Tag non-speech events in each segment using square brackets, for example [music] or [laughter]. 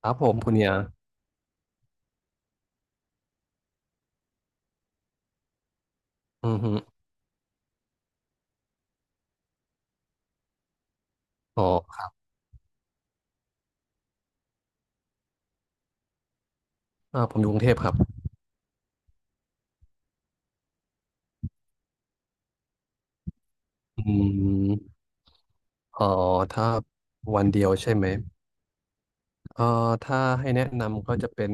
ครับผมคุณเนี่ยอือฮึอ๋ออ่าผมอยู่กรุงเทพครับอืมอ๋อถ้าวันเดียวใช่ไหมเอ่อถ้าให้แนะนำก็จะเป็น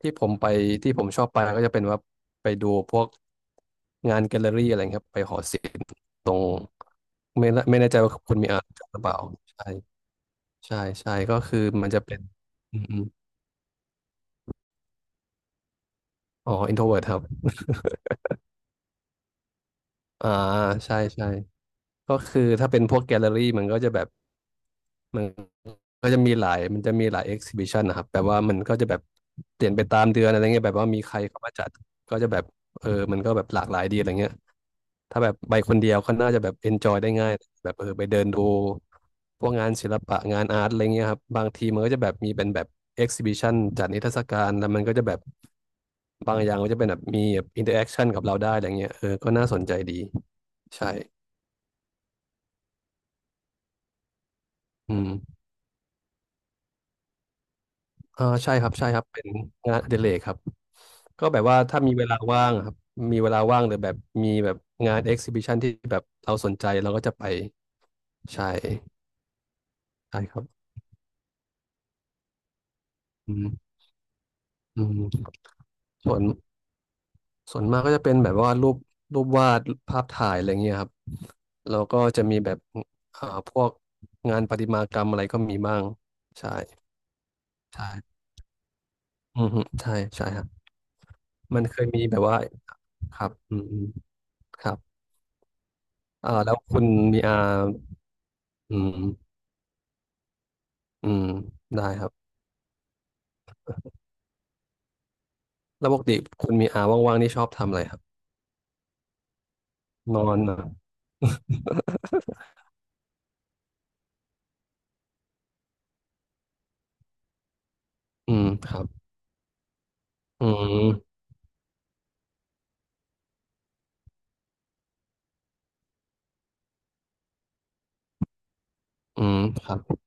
ที่ผมไปที่ผมชอบไปก็จะเป็นว่าไปดูพวกงานแกลเลอรี่อะไรครับไปหอศิลป์ตรงไม่ละไม่แน่ใจว่าคุณมีอ่านหรือเปล่าใช่ใช่ใช่ก็คือมันจะเป็นอืมอมอ๋ออินโทรเวิร์ตครับอ่าใช่ใช่ก็คือถ้าเป็นพวกแกลเลอรี่มันก็จะแบบมัน ก็จะมีหลายมันจะมีหลายเอ็กซิบิชันนะครับแบบว่ามันก็จะแบบเปลี่ยนไปตามเดือนอะไรเงี้ยแบบว่ามีใครเข้ามาจัดก็จะแบบเออมันก็แบบหลากหลายดีอะไรเงี้ยถ้าแบบไปคนเดียวก็น่าจะแบบเอนจอยได้ง่ายแบบเออไปเดินดูพวกงานศิลปะงานอาร์ตอะไรเงี้ยครับบางทีมันก็จะแบบมีเป็นแบบเอ็กซิบิชันจัดนิทรรศการแล้วมันก็จะแบบบางอย่างมันจะเป็นแบบมีแบบอินเตอร์แอคชั่นกับเราได้อะไรเงี้ยเออก็น่าสนใจดี ใช่อืมอ่าใช่ครับเป็นงานอดิเรกครับ ก็แบบว่าถ้ามีเวลาว่างอะครับมีเวลาว่างหรือแบบมีแบบงานเอ็กซิบิชันที่แบบเราสนใจเราก็จะไปใช่ใช่ครับอืมอืมส่วนส่วนมากก็จะเป็นแบบว่ารูปวาดภาพถ่ายอะไรเงี้ยครับแล้วก็จะมีแบบอ่าพวกงานประติมากรรมอะไรก็มีบ้างใช่ใช่อืมฮึใช่ใช่ครับมันเคยมีแบบว่าครับอืมอืมครับอ่าแล้วคุณมีอาอืมอืมได้ครับ แล้วปกติคุณมีอาว่างๆนี่ชอบทำอะไรครับนอนเหรอ [laughs] อืมครับอืมอืมครับ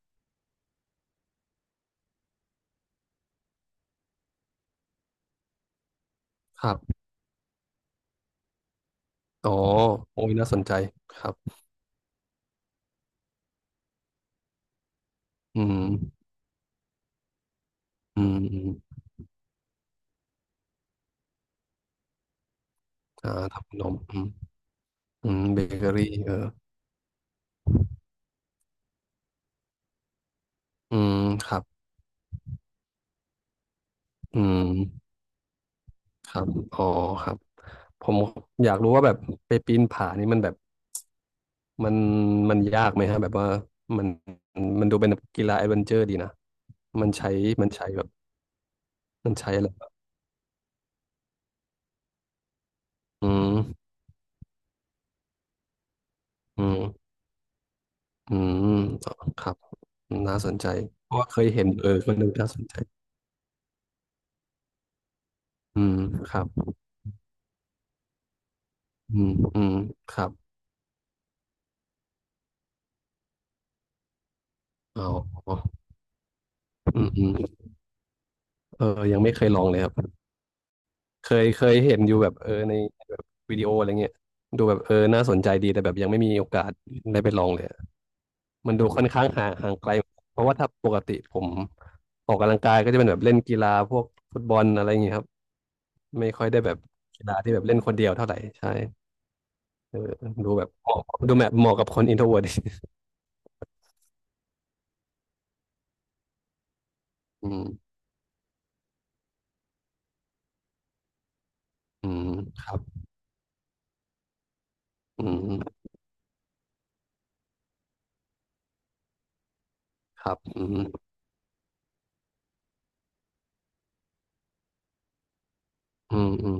ครับอ๋อโอ้ยน่าสนใจครับอืมอืมอืมอ่าทำขนมอืมอืมเบเกอรี่เอออืมครับอืมครับอ๋อครับผมอยากรู้ว่าแบบไปปีนผานี่มันแบบมันมันยากไหมฮะแบบว่ามันมันดูเป็นกีฬาแอดเวนเจอร์ดีนะมันใช้มันใช้แบบมันใช้อะไรบ้างอืมอืม อืมครับ น่าสนใจเพราะว่าเคยเห็นเออคนหนึ่งน่าสนใจอืมครับอืมอืมครับอ๋ออืมอืมเออยังไม่เคยลองเลยครับเคยเห็นอยู่แบบเออในแบบวิดีโออะไรเงี้ยดูแบบเออน่าสนใจดีแต่แบบยังไม่มีโอกาสได้ไปลองเลยอะมันดูค่อนข้างห่างไกลเพราะว่าถ้าปกติผมออกกำลังกายก็จะเป็นแบบเล่นกีฬาพวกฟุตบอลอะไรอย่างเงี้ยครับไม่ค่อยได้แบบกีฬาที่แบบเล่นคนเดียวเท่าไหร่ใช่ เออดูแบบเหมาะดูแบบเหมาะกับคนอินโทรเวิร์ต [laughs] อืมอืมครับอืมครับอืมอืมอืม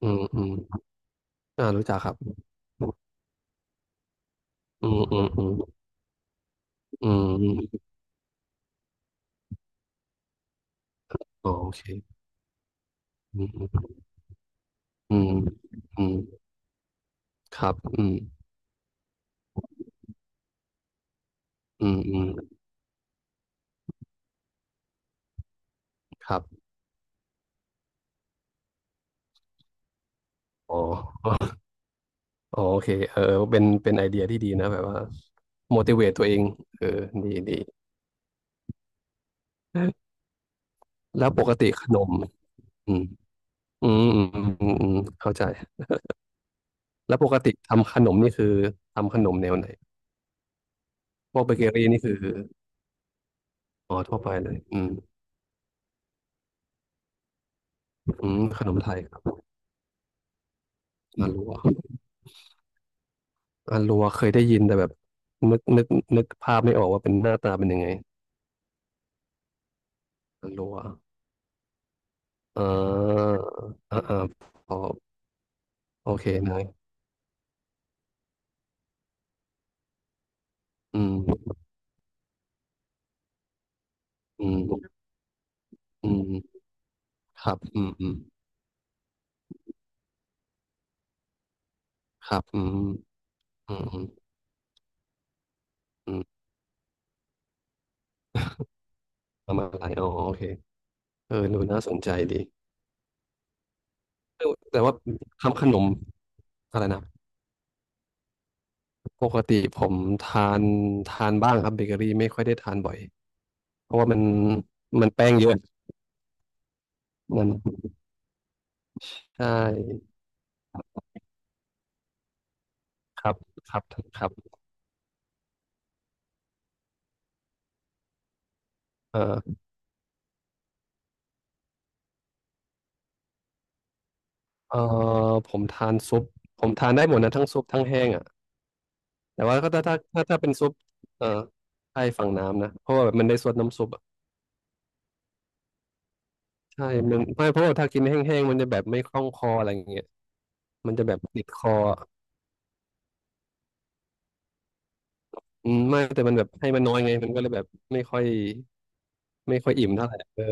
อืมอืมอ่ารู้จักครับอืมอืมอืมอืมอืมอ๋อโอเคอืมอืมอืมครับอืมอืมอืมครับอ๋ออ๋อโอเคเออเป็นไอเดียที่ดีนะแบบว่า motivate ตัวเองเออดีแล้วปกติขนมอืมอืมอืมอืมอืมเข้าใจ แล้วปกติทำขนมนี่คือทำขนมแนวไหนพวกเบเกอรี่นี่คืออ๋อทั่วไปเลยอืมอืมขนมไทยครับอารัวเคยได้ยินแต่แบบนึกนึกนึกภาพไม่ออกว่าเป็นหน้าตาเป็นยังไงอารัวอ่าอ่าอ่าพอโอเคเนยอืมอืมอืมครับอืมอืมครับอืมอืมอืมอืมประมาณอะไรอ๋อโอเคเออดูน่าสนใจดีเออแต่ว่าทำขนมอะไรนะ ปกติผมทานบ้างครับเบเกอรี่ไม่ค่อยได้ทานบ่อยเพราะว่ามันแป้งเยอะมันใช่ครับครับครับเออเออผมทานซุปผมทานได้หมดนะทั้งซุปทั้งแห้งอ่ะแต่ว่าก็ถ้าเป็นซุปเออใช่ฝั่งน้ำนะเพราะว่าแบบมันได้ซดน้ำซุปอะใช่มันไม่เพราะว่าถ้ากินแห้งๆมันจะแบบไม่คล่องคออะไรอย่างเงี้ยมันจะแบบติดคออืมไม่แต่มันแบบให้มันน้อยไงมันก็เลยแบบไม่ค่อยอิ่มเท่าไหร่เออ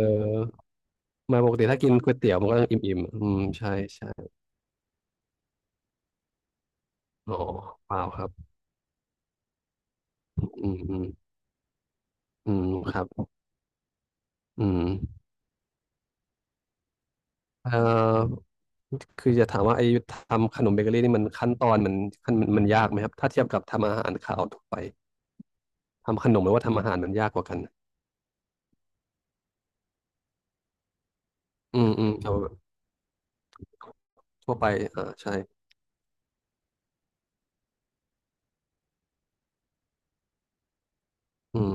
ไมาปกติถ้ากินก๋วยเตี๋ยวมันก็ต้องอิ่มๆอืมใช่ใช่อ๋อเปล่าครับอืมอืมอืมครับอืมเอ่อคือจะถามว่าไอ้ทำขนมเบเกอรี่นี่มันขั้นตอนมันมันยากไหมครับถ้าเทียบกับทำอาหารขาวทั่วไปทำขนมหรือว่าทำอาหารมันยากกว่ากันอืมอืมเอาทั่วไปอ่าใช่อืม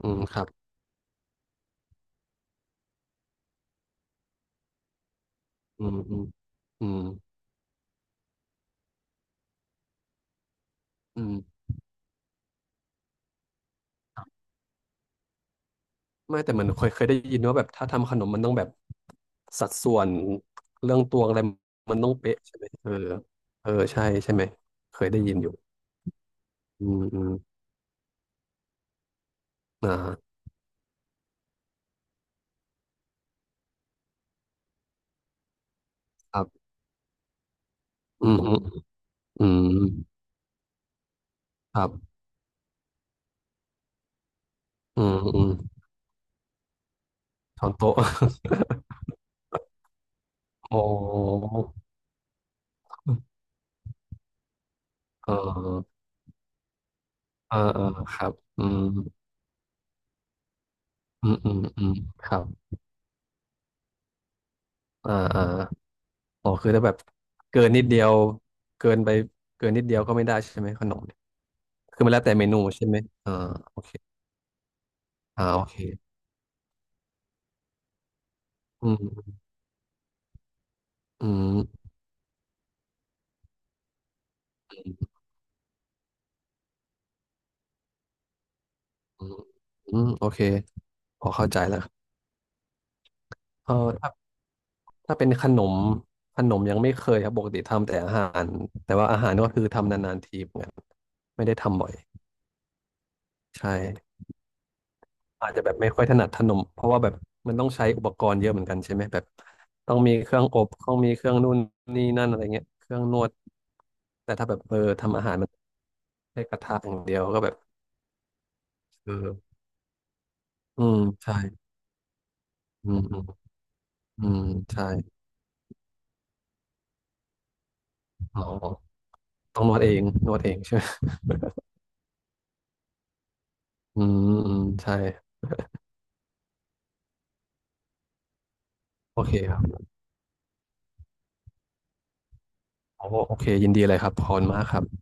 อืมครับอืมอืมอืมอืมไม่แต่มันเคยได้ยินว่าแบบถ้าทำขนมมันต้องแบบ สัดส่วนเรื่องตวงอะไรมันต้องเป๊ะใช่ไหมเออเออใช่ใช่ไหมเคยได้ยินอยู่อืมอืมอ่าครับอืมอืมอืมครับอืมอืมช้อนโต๊ะ [laughs] โอ้เออเออเออครับอืมอืมอืมอืมครับอ่าอ่าอ๋อคือถ้าแบบเกินนิดเดียวเกินไปเกินนิดเดียวก็ไม่ได้ใช่ไหมขนมเนี่ยคือมันแล้วแต่เมนูใช่ไหมอ่าโอเคอ่าโอเคอืมอืม อืมอืมโอเคพอเข้าใจแล้วครับเออถ้าถ้าเป็นขนมยังไม่เคยครับปกติทำแต่อาหารแต่ว่าอาหารก็คือทำนานๆทีเหมือนกันไม่ได้ทำบ่อยใช่อาจจะแบบไม่ค่อยถนัดขนมเพราะว่าแบบมันต้องใช้อุปกรณ์เยอะเหมือนกันใช่ไหมแบบต้องมีเครื่องอบต้องมีเครื่องนู่นนี่นั่นอะไรเงี้ยเครื่องนวดแต่ถ้าแบบเออทำอาหารมันใช้กระทะอย่างเดียวก็แบบเอออืมใช่อืมอืมอืมใช่อ๋อต้องนวดเองใช่ไหม อืมอืมใช่โอเคครับโอ้โอเคยินดีเลยครับขอบคุณมากครับ